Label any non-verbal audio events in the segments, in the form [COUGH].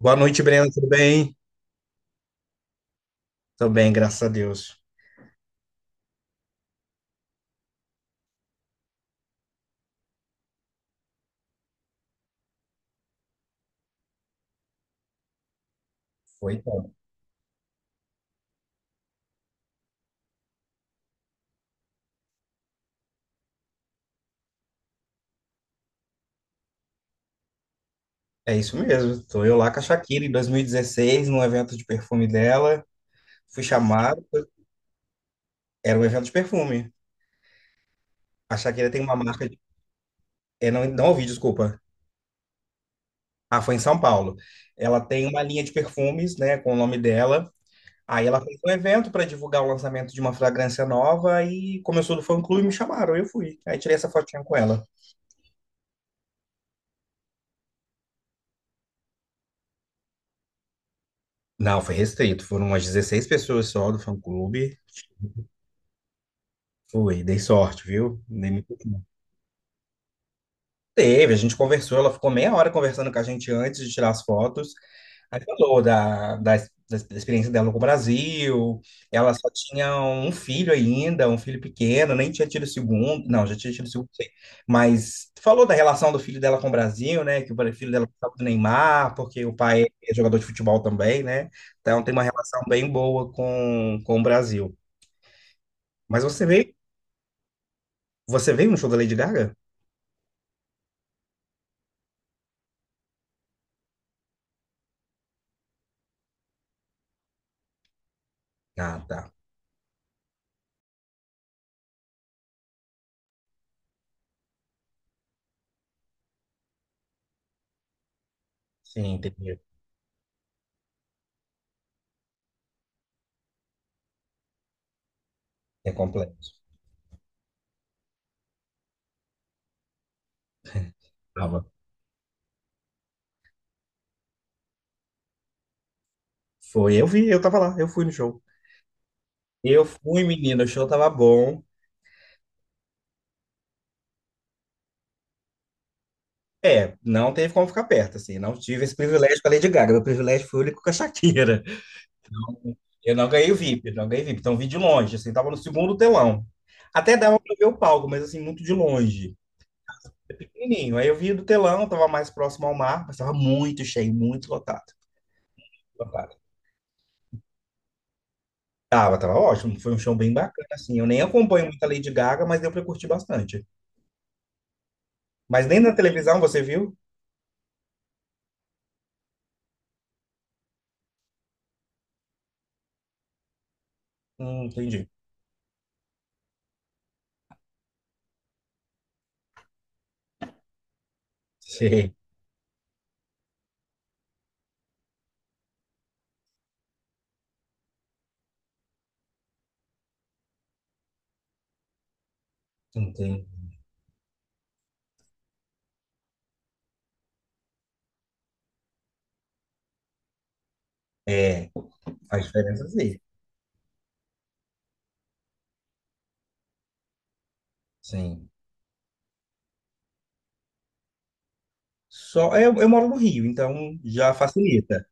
Boa noite, Breno. Tudo bem? Tô bem, graças a Deus. Foi, então. É isso mesmo. Tô eu lá com a Shakira em 2016, num evento de perfume dela. Fui chamado. Era um evento de perfume. A Shakira tem uma marca de— Não, não ouvi, desculpa. Ah, foi em São Paulo. Ela tem uma linha de perfumes, né, com o nome dela. Aí ela fez um evento para divulgar o lançamento de uma fragrância nova e começou do fã-clube e me chamaram. Eu fui. Aí tirei essa fotinha com ela. Não, foi restrito. Foram umas 16 pessoas só do fã-clube. Ui, dei sorte, viu? Nem me— Teve, a gente conversou, ela ficou meia hora conversando com a gente antes de tirar as fotos. Aí falou da experiência dela com o Brasil. Ela só tinha um filho ainda, um filho pequeno, nem tinha tido o segundo. Não, já tinha tido o segundo, sei. Mas falou da relação do filho dela com o Brasil, né? Que o filho dela gostava do Neymar, porque o pai é jogador de futebol também, né? Então tem uma relação bem boa com o Brasil. Mas você veio, você veio no show da Lady Gaga? Ah, tá. Sim, entendi. É complexo. Tava. Foi, eu vi, eu tava lá, eu fui no show. Eu fui, menino, o show tava bom. É, não teve como ficar perto, assim, não tive esse privilégio com a Lady Gaga, meu privilégio foi o único com a Shakira. Eu não ganhei o VIP, eu não ganhei VIP, então vi de longe, assim, tava no segundo telão. Até dava pra ver o palco, mas assim, muito de longe. Pequenininho, aí eu vi do telão, tava mais próximo ao mar, mas tava muito cheio, muito lotado. Lotado. Tava ótimo, foi um show bem bacana, assim, eu nem acompanho muito a Lady Gaga, mas deu pra curtir bastante. Mas nem na televisão, você viu? Entendi. Sim, entendi. É, faz diferença sim. Sim. Só, eu moro no Rio, então já facilita.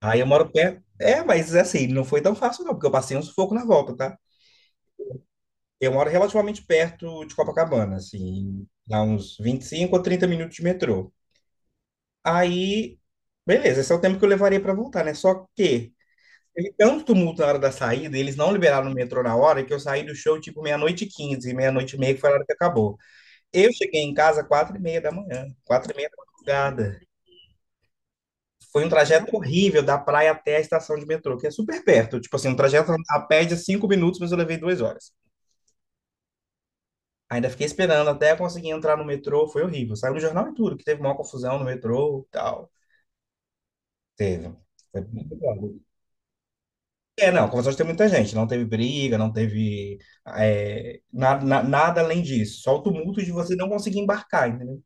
Aí eu moro perto. É, mas é assim, não foi tão fácil não, porque eu passei um sufoco na volta, tá? Eu moro relativamente perto de Copacabana, assim, dá uns 25 ou 30 minutos de metrô. Aí, beleza, esse é o tempo que eu levaria para voltar, né? Só que teve tanto tumulto na hora da saída, eles não liberaram o metrô na hora, que eu saí do show tipo meia-noite e 15, meia-noite e meia, que foi a hora que acabou. Eu cheguei em casa 4h30 da manhã, 4h30 da madrugada. Foi um trajeto horrível da praia até a estação de metrô, que é super perto. Tipo assim, um trajeto a pé de 5 minutos, mas eu levei 2 horas. Ainda fiquei esperando até conseguir entrar no metrô, foi horrível. Saiu no jornal e tudo, que teve uma confusão no metrô e tal. Teve. Foi muito bom. É, não, confusões tem muita gente. Não teve briga, não teve nada além disso. Só o tumulto de você não conseguir embarcar, entendeu?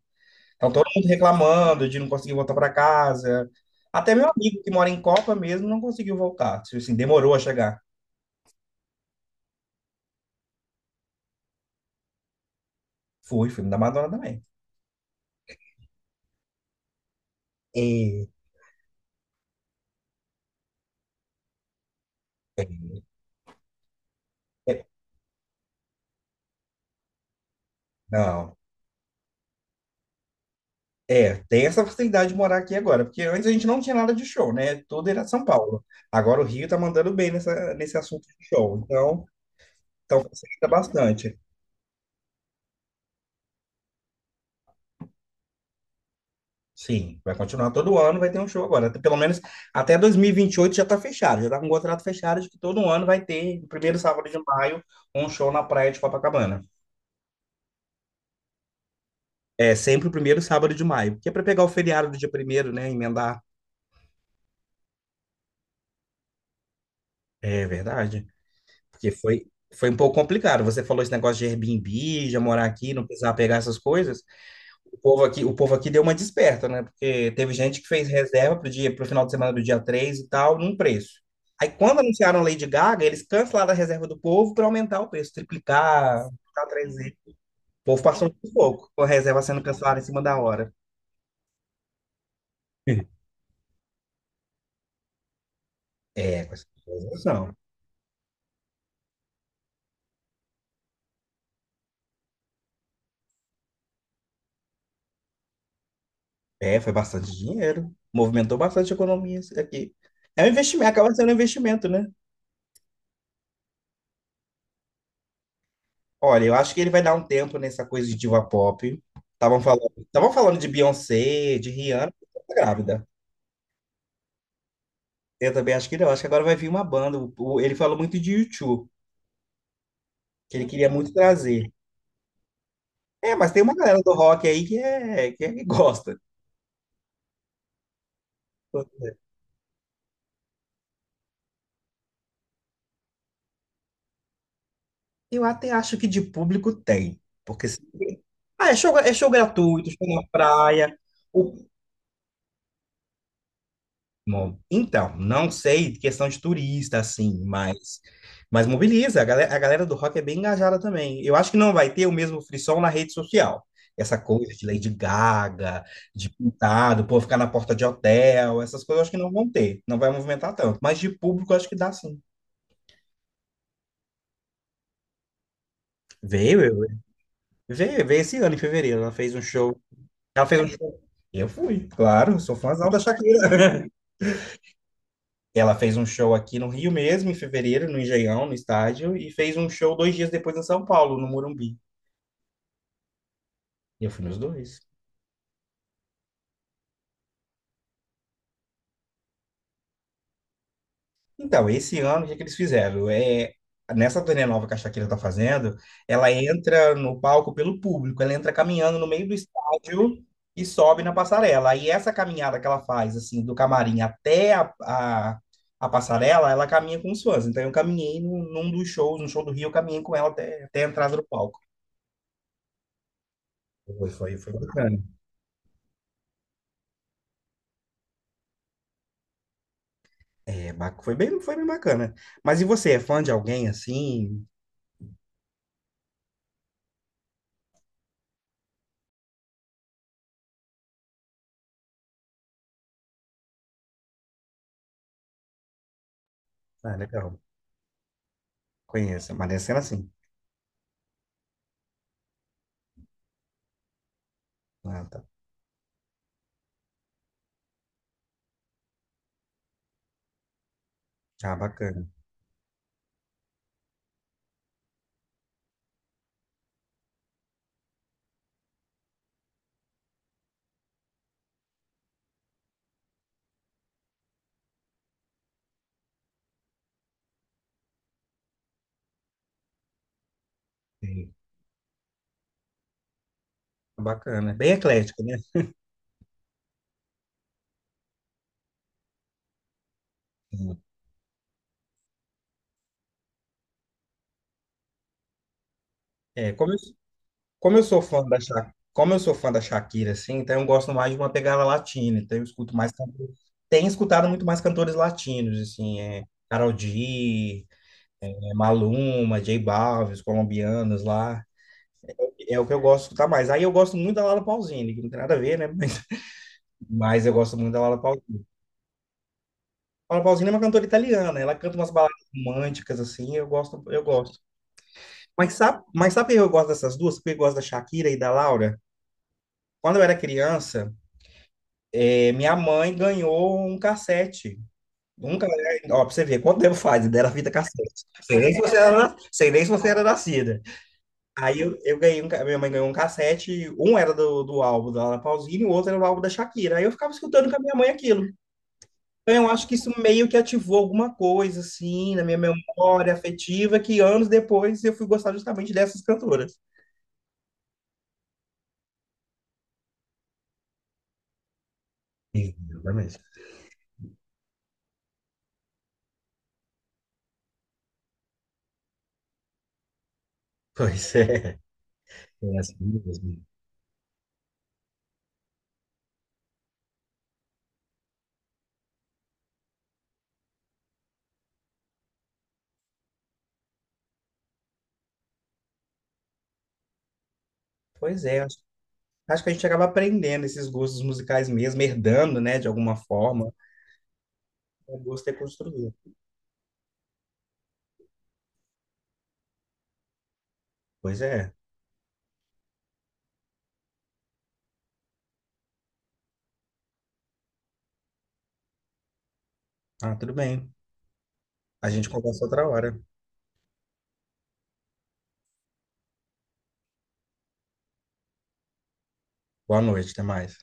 Então, todo mundo reclamando de não conseguir voltar para casa. Até meu amigo que mora em Copa mesmo não conseguiu voltar. Tipo assim, demorou a chegar. Fui, filme da Madonna também. E, É, é, não. É, tem essa facilidade de morar aqui agora, porque antes a gente não tinha nada de show, né? Tudo era São Paulo. Agora o Rio tá mandando bem nesse assunto de show. Então, facilita bastante. Sim, vai continuar todo ano, vai ter um show agora. Até Pelo menos até dois mil e vinte e oito já está fechado, já está com o contrato fechado de que todo ano vai ter, no primeiro sábado de maio, um show na praia de Copacabana. É sempre o primeiro sábado de maio, que é para pegar o feriado do dia primeiro, né? Emendar. É verdade. Porque foi, um pouco complicado. Você falou esse negócio de Airbnb, já morar aqui, não precisar pegar essas coisas. O povo aqui deu uma desperta, né? Porque teve gente que fez reserva pro final de semana do dia 3 e tal, num preço. Aí quando anunciaram Lady Gaga, eles cancelaram a reserva do povo para aumentar o preço, triplicar, ficar 3 vezes. O povo passou um pouco, com a reserva sendo cancelada em cima da hora. [LAUGHS] É, com essa não. É, foi bastante dinheiro. Movimentou bastante a economia isso aqui. É um investimento, acaba sendo um investimento, né? Olha, eu acho que ele vai dar um tempo nessa coisa de diva pop. Estavam falando de Beyoncé, de Rihanna, mas tá grávida. Eu também acho que não. Acho que agora vai vir uma banda. Ele falou muito de U2, que ele queria muito trazer. É, mas tem uma galera do rock aí que gosta. Eu até acho que de público tem, porque é show gratuito, show na praia. O Bom, então, não sei questão de turista, assim, mas mobiliza. A galera do rock é bem engajada também. Eu acho que não vai ter o mesmo frisson na rede social. Essa coisa de Lady Gaga, de pintado, pô, ficar na porta de hotel, essas coisas eu acho que não vão ter. Não vai movimentar tanto. Mas de público eu acho que dá sim. Veio, eu- veio esse ano, em fevereiro. Ela fez um show. Ela fez um show. Eu fui, claro, sou fãzão da Shakira. [LAUGHS] Ela fez um show aqui no Rio mesmo, em fevereiro, no Engenhão, no estádio, e fez um show 2 dias depois em São Paulo, no Morumbi. E eu fui nos dois. Então, esse ano, o que é que eles fizeram? É, nessa turnê nova que a Shakira tá fazendo, ela entra no palco pelo público, ela entra caminhando no meio do estádio e sobe na passarela. Aí essa caminhada que ela faz, assim, do camarim até a passarela, ela caminha com os fãs. Então, eu caminhei num dos shows, no show do Rio, eu caminhei com ela até a entrada do palco. Foi bacana. É, foi bem bacana. Mas e você, é fã de alguém assim? Ah, legal. Conheço. Mas é cena assim. Ah, tá. Ah, bacana. Sim. Bacana. Bem eclético, né? Sim. É, como eu sou fã da Shakira, assim, então eu gosto mais de uma pegada latina. Então eu escuto mais cantores. Tenho escutado muito mais cantores latinos, assim, Karol G, Maluma, J Balvin, os colombianos lá. É o que eu gosto de escutar mais. Aí eu gosto muito da Laura Pausini, que não tem nada a ver, né? [LAUGHS] Mas eu gosto muito da Laura Pausini. Paula Pausini é uma cantora italiana, ela canta umas baladas românticas, assim, eu gosto, eu gosto. Mas sabe por que eu gosto dessas duas? Porque eu gosto da Shakira e da Laura. Quando eu era criança, minha mãe ganhou um cassete. Um, ca- Ó, pra você ver, quanto tempo faz? Dela vida cassete. Sei nem se você era nascida. Aí eu ganhei, um ca- minha mãe ganhou um cassete, um era do álbum da Laura Pausini, o outro era do álbum da Shakira. Aí eu ficava escutando com a minha mãe aquilo. Então, eu acho que isso meio que ativou alguma coisa, assim, na minha memória afetiva, que anos depois eu fui gostar justamente dessas cantoras. Exatamente. Pois é, é assim mesmo. Pois é, acho que a gente acaba aprendendo esses gostos musicais mesmo, herdando, né, de alguma forma. O gosto é construído. Pois é. Ah, tudo bem. A gente conversa outra hora. Boa noite, até mais.